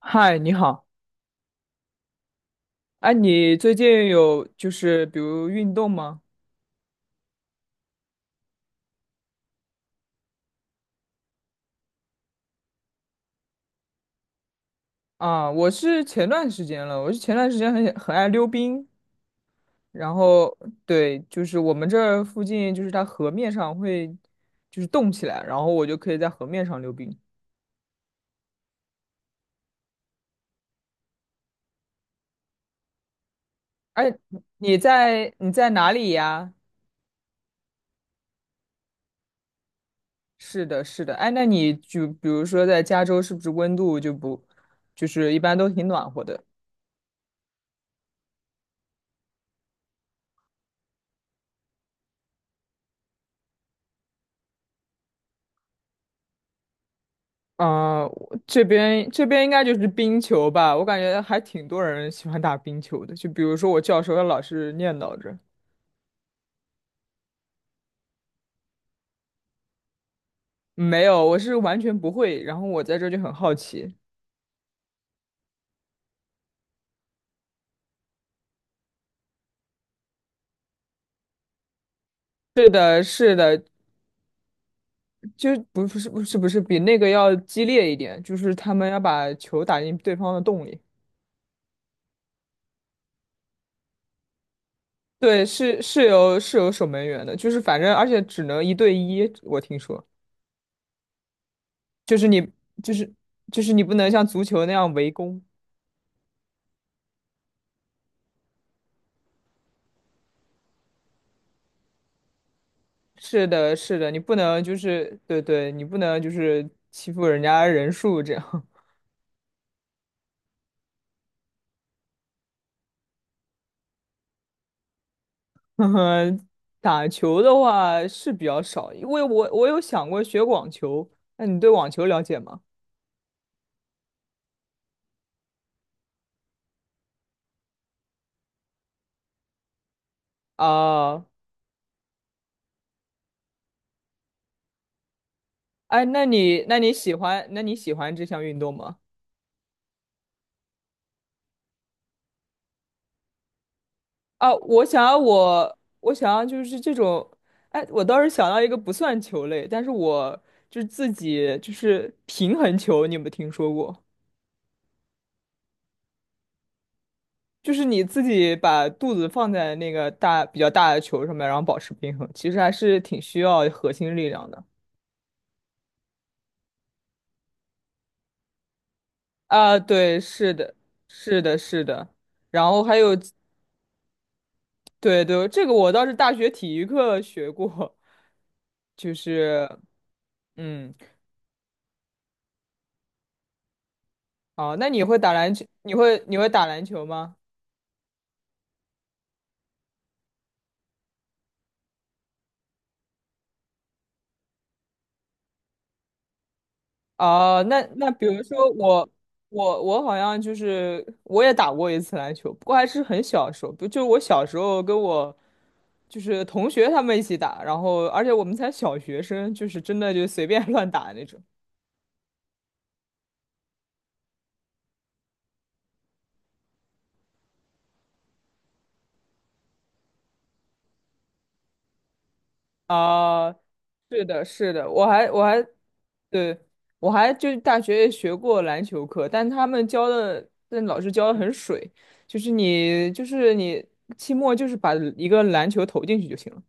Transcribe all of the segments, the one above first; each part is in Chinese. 嗨，你好。哎，你最近有就是比如运动吗？啊，我是前段时间了，我是前段时间很爱溜冰，然后对，就是我们这儿附近就是它河面上会就是冻起来，然后我就可以在河面上溜冰。哎，你在哪里呀？是的，是的。哎，那你就比如说在加州，是不是温度就不就是一般都挺暖和的？我这边应该就是冰球吧，我感觉还挺多人喜欢打冰球的。就比如说我教授，他老是念叨着，没有，我是完全不会。然后我在这就很好奇。是的，是的，就不是不是不是比那个要激烈一点，就是他们要把球打进对方的洞里。对，是有守门员的，就是反正而且只能一对一，我听说，就是你不能像足球那样围攻。是的，是的，你不能就是对对，你不能就是欺负人家人数这样。嗯。打球的话是比较少，因为我有想过学网球。那你对网球了解吗？啊、哎，那你那你喜欢这项运动吗？啊，我想要就是这种，哎，我倒是想到一个不算球类，但是我就是自己就是平衡球，你有没有听说过？就是你自己把肚子放在那个大比较大的球上面，然后保持平衡，其实还是挺需要核心力量的。啊，对，是的，是的，是的。然后还有，对对，这个我倒是大学体育课学过，就是嗯。哦，那你会打篮球？你会打篮球吗？哦，那那比如说我我好像就是我也打过一次篮球，不过还是很小的时候，不就我小时候跟我就是同学他们一起打，然后而且我们才小学生，就是真的就随便 乱打那种。啊、是的，是的，我还对，我还就是大学也学过篮球课，但他们教的，但老师教的很水，就是你期末就是把一个篮球投进去就行了。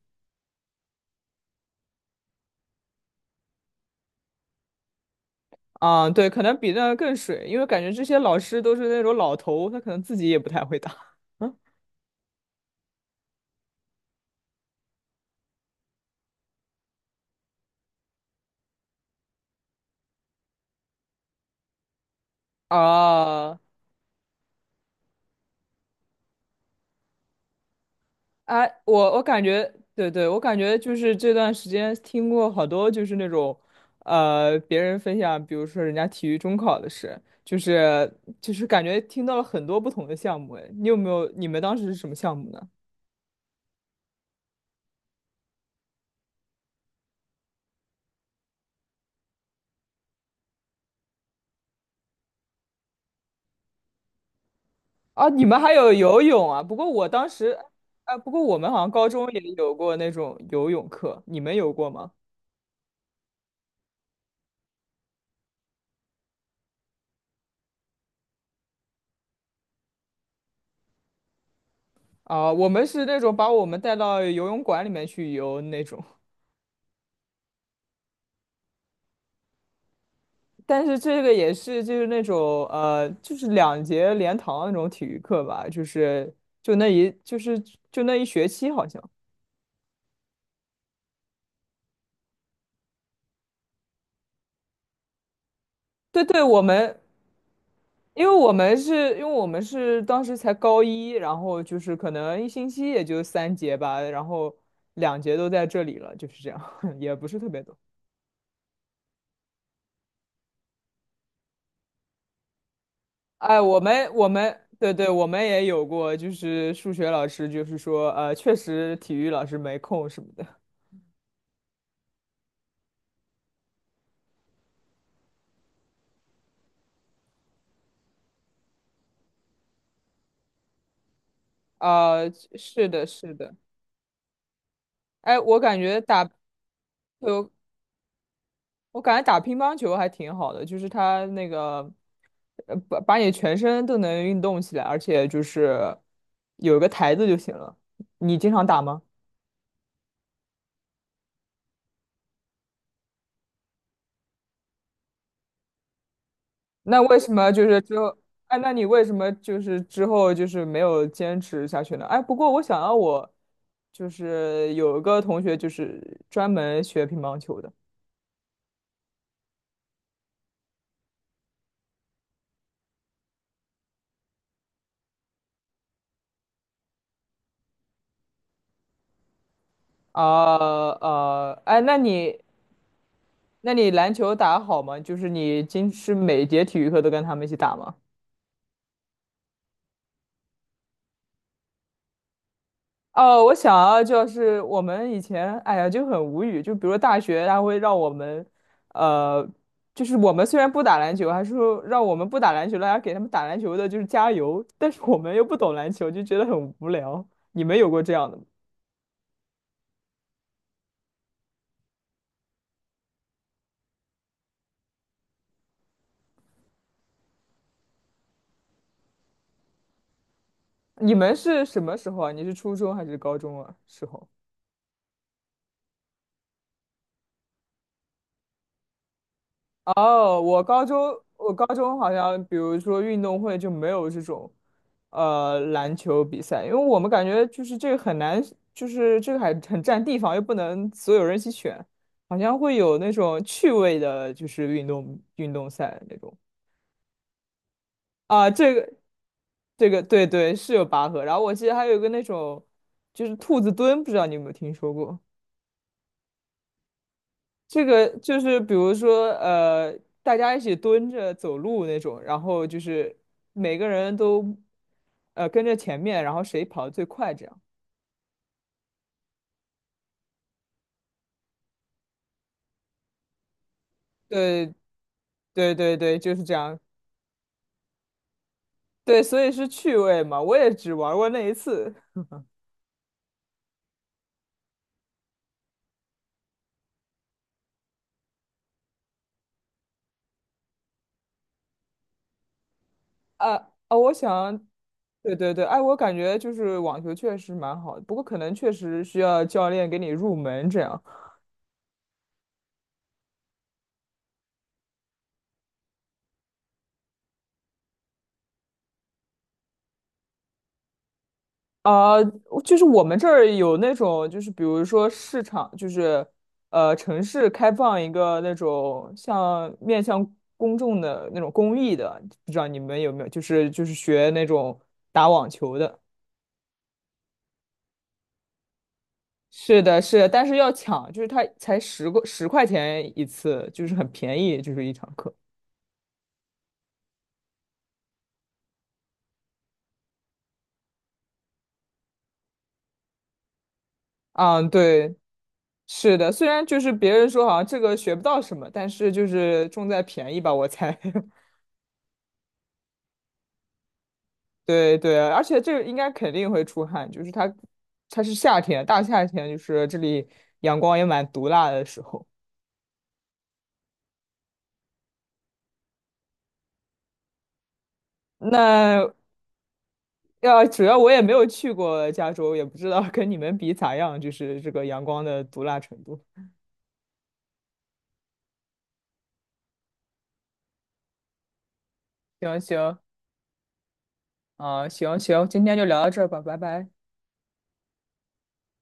对，可能比那更水，因为感觉这些老师都是那种老头，他可能自己也不太会打。啊，哎，我感觉，对对，我感觉就是这段时间听过好多就是那种，别人分享，比如说人家体育中考的事，就是感觉听到了很多不同的项目。哎，你有没有？你们当时是什么项目呢？啊，你们还有游泳啊？不过我当时，啊，不过我们好像高中也有过那种游泳课，你们有过吗？啊，我们是那种把我们带到游泳馆里面去游那种。但是这个也是就是那种就是两节连堂那种体育课吧，就那一就是就那一学期好像。对对，我们因为我们是因为我们是当时才高一，然后就是可能一星期也就三节吧，然后两节都在这里了，就是这样，也不是特别多。哎，我们对对，我们也有过，就是数学老师就是说确实体育老师没空什么的。呃，是的，是的。哎，球，我感觉打乒乓球还挺好的，就是它那个把你全身都能运动起来，而且就是有一个台子就行了。你经常打吗？那为什么就是之后，哎，那你为什么就是之后就是没有坚持下去呢？哎，不过我想要我就是有一个同学就是专门学乒乓球的，哎，那你篮球打得好吗？就是你今是每节体育课都跟他们一起打吗？哦，我想啊，就是我们以前，哎呀，就很无语。就比如大学，他会让我们，呃，就是我们虽然不打篮球，还是说让我们不打篮球，大家给他们打篮球的，就是加油。但是我们又不懂篮球，就觉得很无聊。你们有过这样的吗？你们是什么时候啊？你是初中还是高中啊？时候？哦，我高中好像，比如说运动会就没有这种，呃，篮球比赛，因为我们感觉就是这个很难，就是这个还很占地方，又不能所有人一起选，好像会有那种趣味的，就是运动赛那种。啊，这个对对是有拔河，然后我记得还有一个那种就是兔子蹲，不知道你有没有听说过？这个就是比如说，大家一起蹲着走路那种，然后就是每个人都，跟着前面，然后谁跑得最快，这样。对对对对，就是这样。对，所以是趣味嘛，我也只玩过那一次。啊，啊，我想，对对对，哎，我感觉就是网球确实蛮好的，不过可能确实需要教练给你入门这样。啊，就是我们这儿有那种，就是比如说市场，就是呃，城市开放一个那种像面向公众的那种公益的，不知道你们有没有？学那种打网球的，是的，是的，但是要抢，就是他才十个十块钱一次，就是很便宜，就是一堂课。嗯，对，是的，虽然就是别人说好像这个学不到什么，但是就是重在便宜吧，我猜。对对，而且这个应该肯定会出汗，就是它，它是夏天，大夏天，就是这里阳光也蛮毒辣的时候。那，要主要我也没有去过加州，也不知道跟你们比咋样，就是这个阳光的毒辣程度。行行，行行，今天就聊到这儿吧，拜拜。